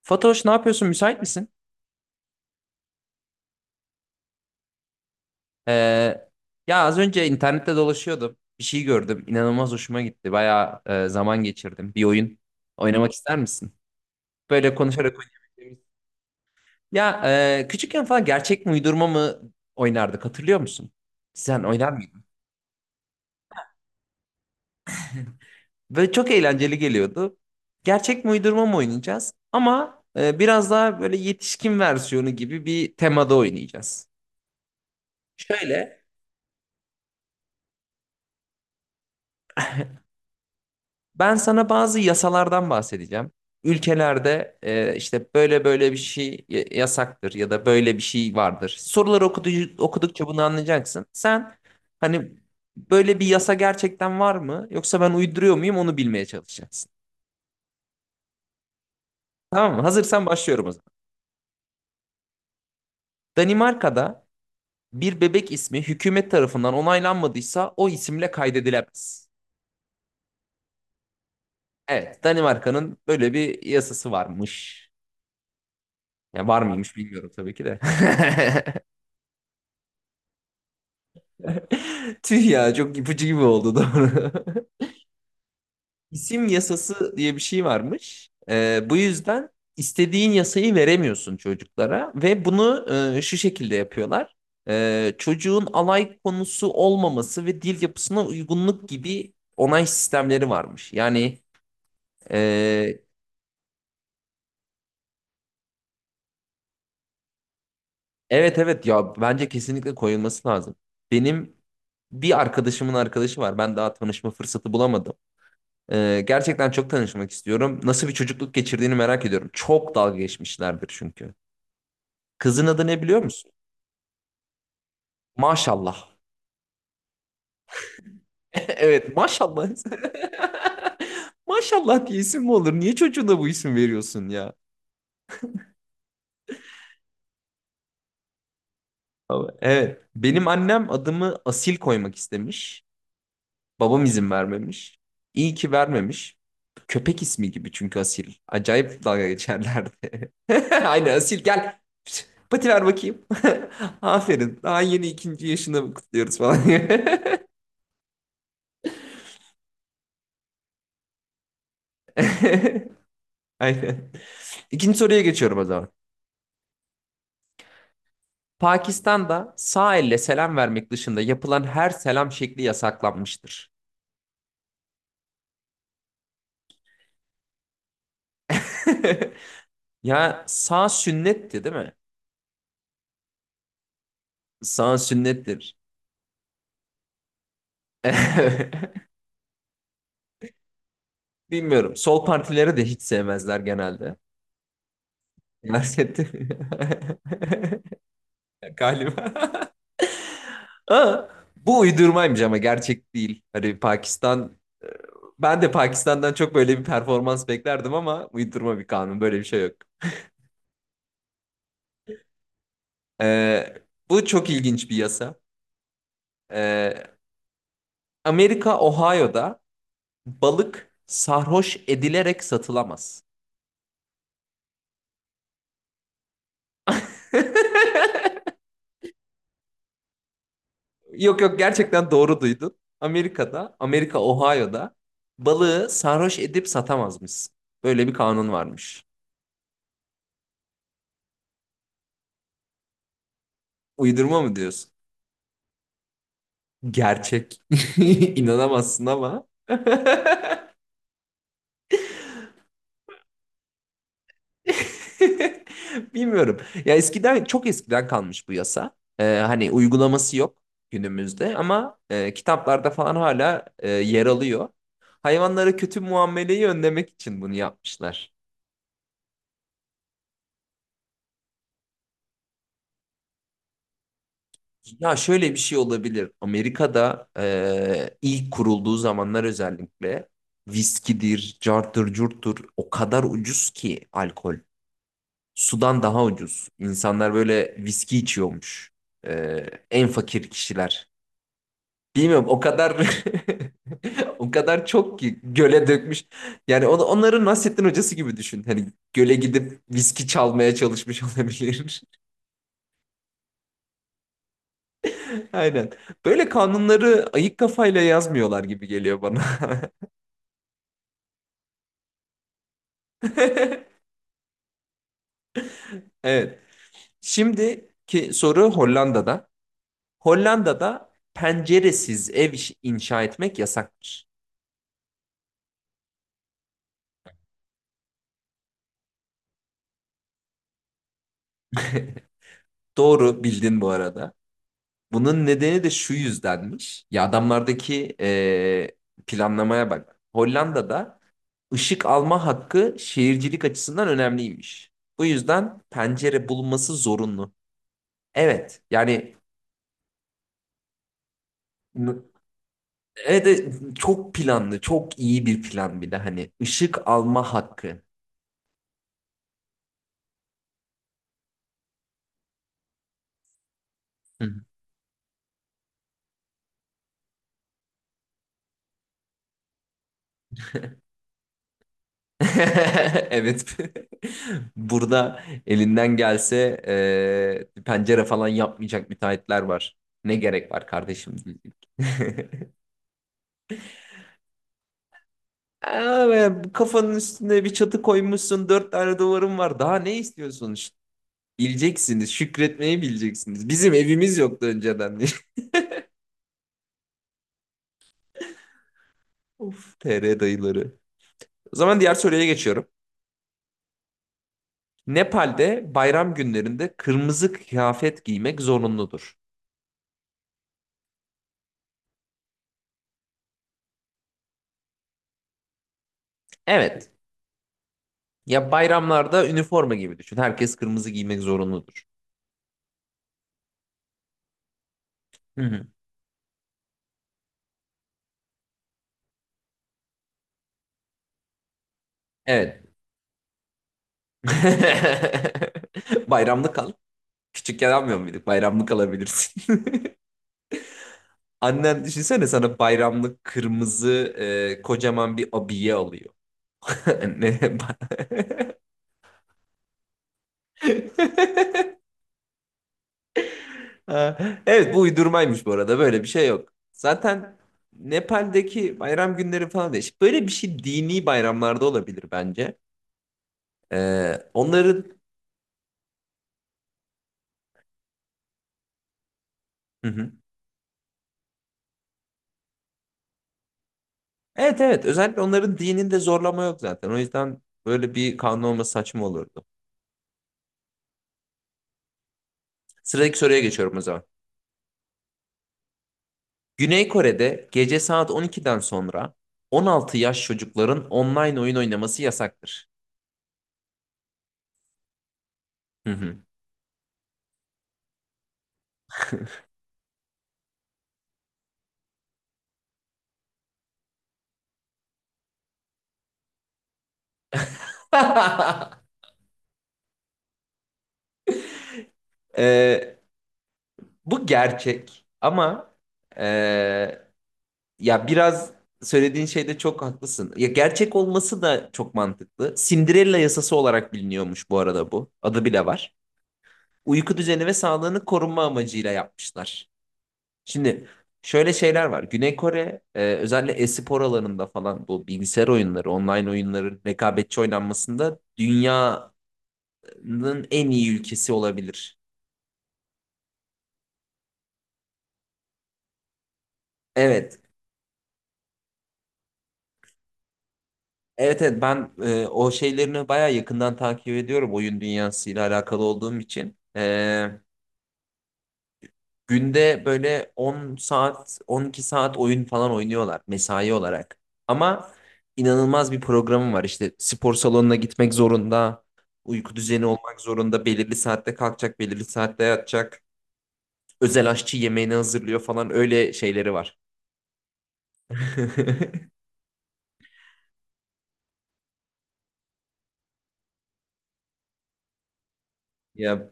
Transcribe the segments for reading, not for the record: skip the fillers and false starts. Fatoş ne yapıyorsun? Müsait misin? Ee, ya az önce internette dolaşıyordum. Bir şey gördüm. İnanılmaz hoşuma gitti. Bayağı zaman geçirdim. Bir oyun oynamak ister misin? Böyle konuşarak oynayabileceğimiz. Ya küçükken falan gerçek mi uydurma mı oynardık hatırlıyor musun? Sen oynar mıydın? Böyle çok eğlenceli geliyordu. Gerçek mi uydurma mı oynayacağız? Ama biraz daha böyle yetişkin versiyonu gibi bir temada oynayacağız. Şöyle. Ben sana bazı yasalardan bahsedeceğim. Ülkelerde işte böyle böyle bir şey yasaktır ya da böyle bir şey vardır. Soruları okudukça bunu anlayacaksın. Sen hani böyle bir yasa gerçekten var mı yoksa ben uyduruyor muyum onu bilmeye çalışacaksın. Tamam mı? Hazırsan başlıyorum o zaman. Danimarka'da bir bebek ismi hükümet tarafından onaylanmadıysa o isimle kaydedilemez. Evet, Danimarka'nın böyle bir yasası varmış. Ya var mıymış bilmiyorum tabii ki de. Tüh ya çok ipucu gibi oldu, doğru. İsim yasası diye bir şey varmış. Bu yüzden istediğin yasayı veremiyorsun çocuklara ve bunu şu şekilde yapıyorlar. Çocuğun alay konusu olmaması ve dil yapısına uygunluk gibi onay sistemleri varmış. Yani e, evet, evet, ya bence kesinlikle koyulması lazım. Benim bir arkadaşımın arkadaşı var. Ben daha tanışma fırsatı bulamadım. Gerçekten çok tanışmak istiyorum. Nasıl bir çocukluk geçirdiğini merak ediyorum. Çok dalga geçmişlerdir çünkü. Kızın adı ne biliyor musun? Maşallah. Evet, maşallah. Maşallah diye isim mi olur? Niye çocuğuna bu isim veriyorsun ya? Evet. Benim annem adımı Asil koymak istemiş. Babam izin vermemiş. İyi ki vermemiş. Köpek ismi gibi çünkü Asil. Acayip dalga geçerlerdi. Aynen, Asil gel. Pati ver bakayım. Aferin. Daha yeni ikinci yaşını kutluyoruz falan. Aynen. İkinci soruya geçiyorum o zaman. Pakistan'da sağ elle selam vermek dışında yapılan her selam şekli yasaklanmıştır. Ya sağ sünnetti, değil mi? Sağ sünnettir. Bilmiyorum. Sol partileri de hiç sevmezler genelde. Siyaset. Galiba. Aa, bu uydurmaymış, ama gerçek değil. Hani Pakistan, ben de Pakistan'dan çok böyle bir performans beklerdim ama uydurma bir kanun. Böyle bir şey yok. Ee, bu çok ilginç bir yasa. Ee, Amerika, Ohio'da balık sarhoş edilerek satılamaz. Yok, yok, gerçekten doğru duydun. Amerika Ohio'da balığı sarhoş edip satamazmış. Böyle bir kanun varmış. Uydurma mı diyorsun? Gerçek. İnanamazsın ama. Bilmiyorum. Ya eskiden, çok eskiden kalmış bu yasa. Hani uygulaması yok günümüzde ama kitaplarda falan hala yer alıyor. Hayvanlara kötü muameleyi önlemek için bunu yapmışlar. Ya şöyle bir şey olabilir. Amerika'da ilk kurulduğu zamanlar özellikle viskidir, carttır, curttur, o kadar ucuz ki alkol. Sudan daha ucuz. İnsanlar böyle viski içiyormuş. En fakir kişiler. Bilmiyorum, o kadar o kadar çok ki göle dökmüş. Yani onların Nasrettin Hocası gibi düşün. Hani göle gidip viski çalmaya çalışmış olabilir. Aynen. Böyle kanunları ayık kafayla yazmıyorlar gibi geliyor bana. Evet. Şimdiki soru Hollanda'da. Hollanda'da penceresiz ev inşa etmek yasaktır. Doğru bildin bu arada. Bunun nedeni de şu yüzdenmiş. Ya adamlardaki planlamaya bak. Hollanda'da ışık alma hakkı şehircilik açısından önemliymiş. Bu yüzden pencere bulunması zorunlu. Evet, yani evet, evet, çok planlı, çok iyi bir plan, bir de hani ışık alma hakkı. Hı. Evet. Burada elinden gelse pencere falan yapmayacak müteahhitler var. Ne gerek var kardeşim? Diyecek. Aa, be, kafanın üstüne bir çatı koymuşsun, dört tane duvarın var. Daha ne istiyorsun? Bileceksiniz, şükretmeyi bileceksiniz. Bizim evimiz yoktu önceden. Of, TR dayıları. O zaman diğer soruya geçiyorum. Nepal'de bayram günlerinde kırmızı kıyafet giymek zorunludur. Evet. Ya bayramlarda üniforma gibi düşün. Herkes kırmızı giymek zorunludur. Hı hı. Evet. Bayramlık al. Küçükken almıyor muyduk? Bayramlık alabilirsin. Annen düşünsene sana bayramlık kırmızı kocaman bir abiye alıyor. Ne? Ha, evet, bu uydurmaymış bu arada, böyle bir şey yok. Zaten Nepal'deki bayram günleri falan değişik. Böyle bir şey dini bayramlarda olabilir bence. Onların hı hı. Evet, evet, özellikle onların dininde zorlama yok zaten. O yüzden böyle bir kanun olması saçma olurdu. Sıradaki soruya geçiyorum o zaman. Güney Kore'de gece saat 12'den sonra 16 yaş çocukların online oyun oynaması yasaktır. Hı hı. Ee, bu gerçek ama ee, ya biraz söylediğin şeyde çok haklısın. Ya gerçek olması da çok mantıklı. Cinderella yasası olarak biliniyormuş bu arada bu. Adı bile var. Uyku düzeni ve sağlığını korunma amacıyla yapmışlar. Şimdi şöyle şeyler var. Güney Kore özellikle e-spor alanında falan bu bilgisayar oyunları, online oyunların rekabetçi oynanmasında dünyanın en iyi ülkesi olabilir. Evet. Evet, evet, ben o şeylerini bayağı yakından takip ediyorum, oyun dünyasıyla alakalı olduğum için. Günde böyle 10 saat, 12 saat oyun falan oynuyorlar mesai olarak. Ama inanılmaz bir programı var. İşte spor salonuna gitmek zorunda, uyku düzeni olmak zorunda, belirli saatte kalkacak, belirli saatte yatacak. Özel aşçı yemeğini hazırlıyor falan, öyle şeyleri var. Ya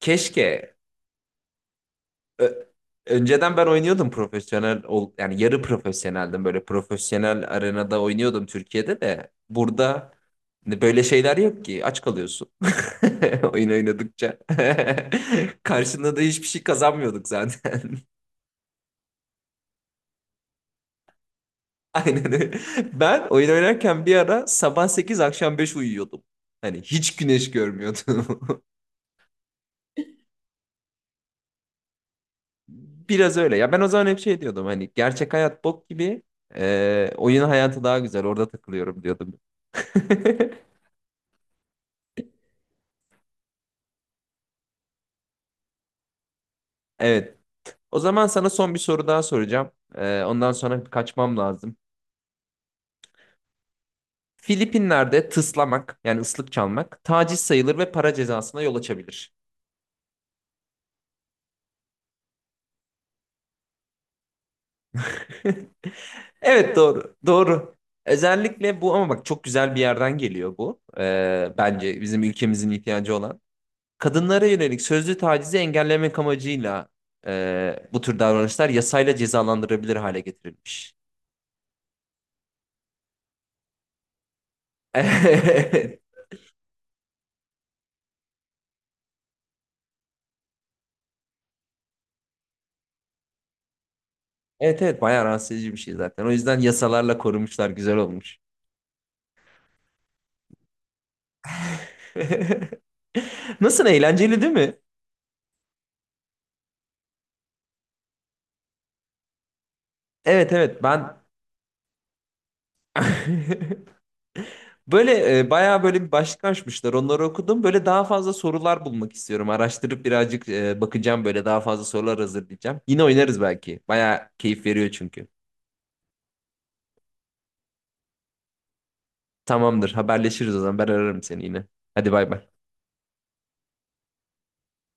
keşke Ö- önceden ben oynuyordum, profesyonel ol yani yarı profesyoneldim, böyle profesyonel arenada oynuyordum Türkiye'de. De burada böyle şeyler yok ki, aç kalıyorsun oyun oynadıkça karşında da hiçbir şey kazanmıyorduk zaten. Aynen öyle. Ben oyun oynarken bir ara sabah 8 akşam 5 uyuyordum, hani hiç güneş görmüyordum. Biraz öyle ya, ben o zaman hep şey diyordum, hani gerçek hayat bok gibi, oyun hayatı daha güzel, orada takılıyorum diyordum. Evet. O zaman sana son bir soru daha soracağım. Ondan sonra kaçmam lazım. Filipinler'de tıslamak yani ıslık çalmak taciz sayılır ve para cezasına yol açabilir. Evet, doğru. Doğru. Özellikle bu, ama bak çok güzel bir yerden geliyor bu. Bence bizim ülkemizin ihtiyacı olan. Kadınlara yönelik sözlü tacizi engellemek amacıyla bu tür davranışlar yasayla cezalandırabilir hale getirilmiş. Evet, evet, bayağı rahatsız edici bir şey zaten. O yüzden yasalarla korumuşlar, güzel olmuş. Nasıl, eğlenceli değil mi? Evet, evet, ben böyle bayağı böyle bir başlık açmışlar. Onları okudum. Böyle daha fazla sorular bulmak istiyorum. Araştırıp birazcık bakacağım, böyle daha fazla sorular hazırlayacağım. Yine oynarız belki. Bayağı keyif veriyor çünkü. Tamamdır, haberleşiriz o zaman, ben ararım seni yine. Hadi bay bay.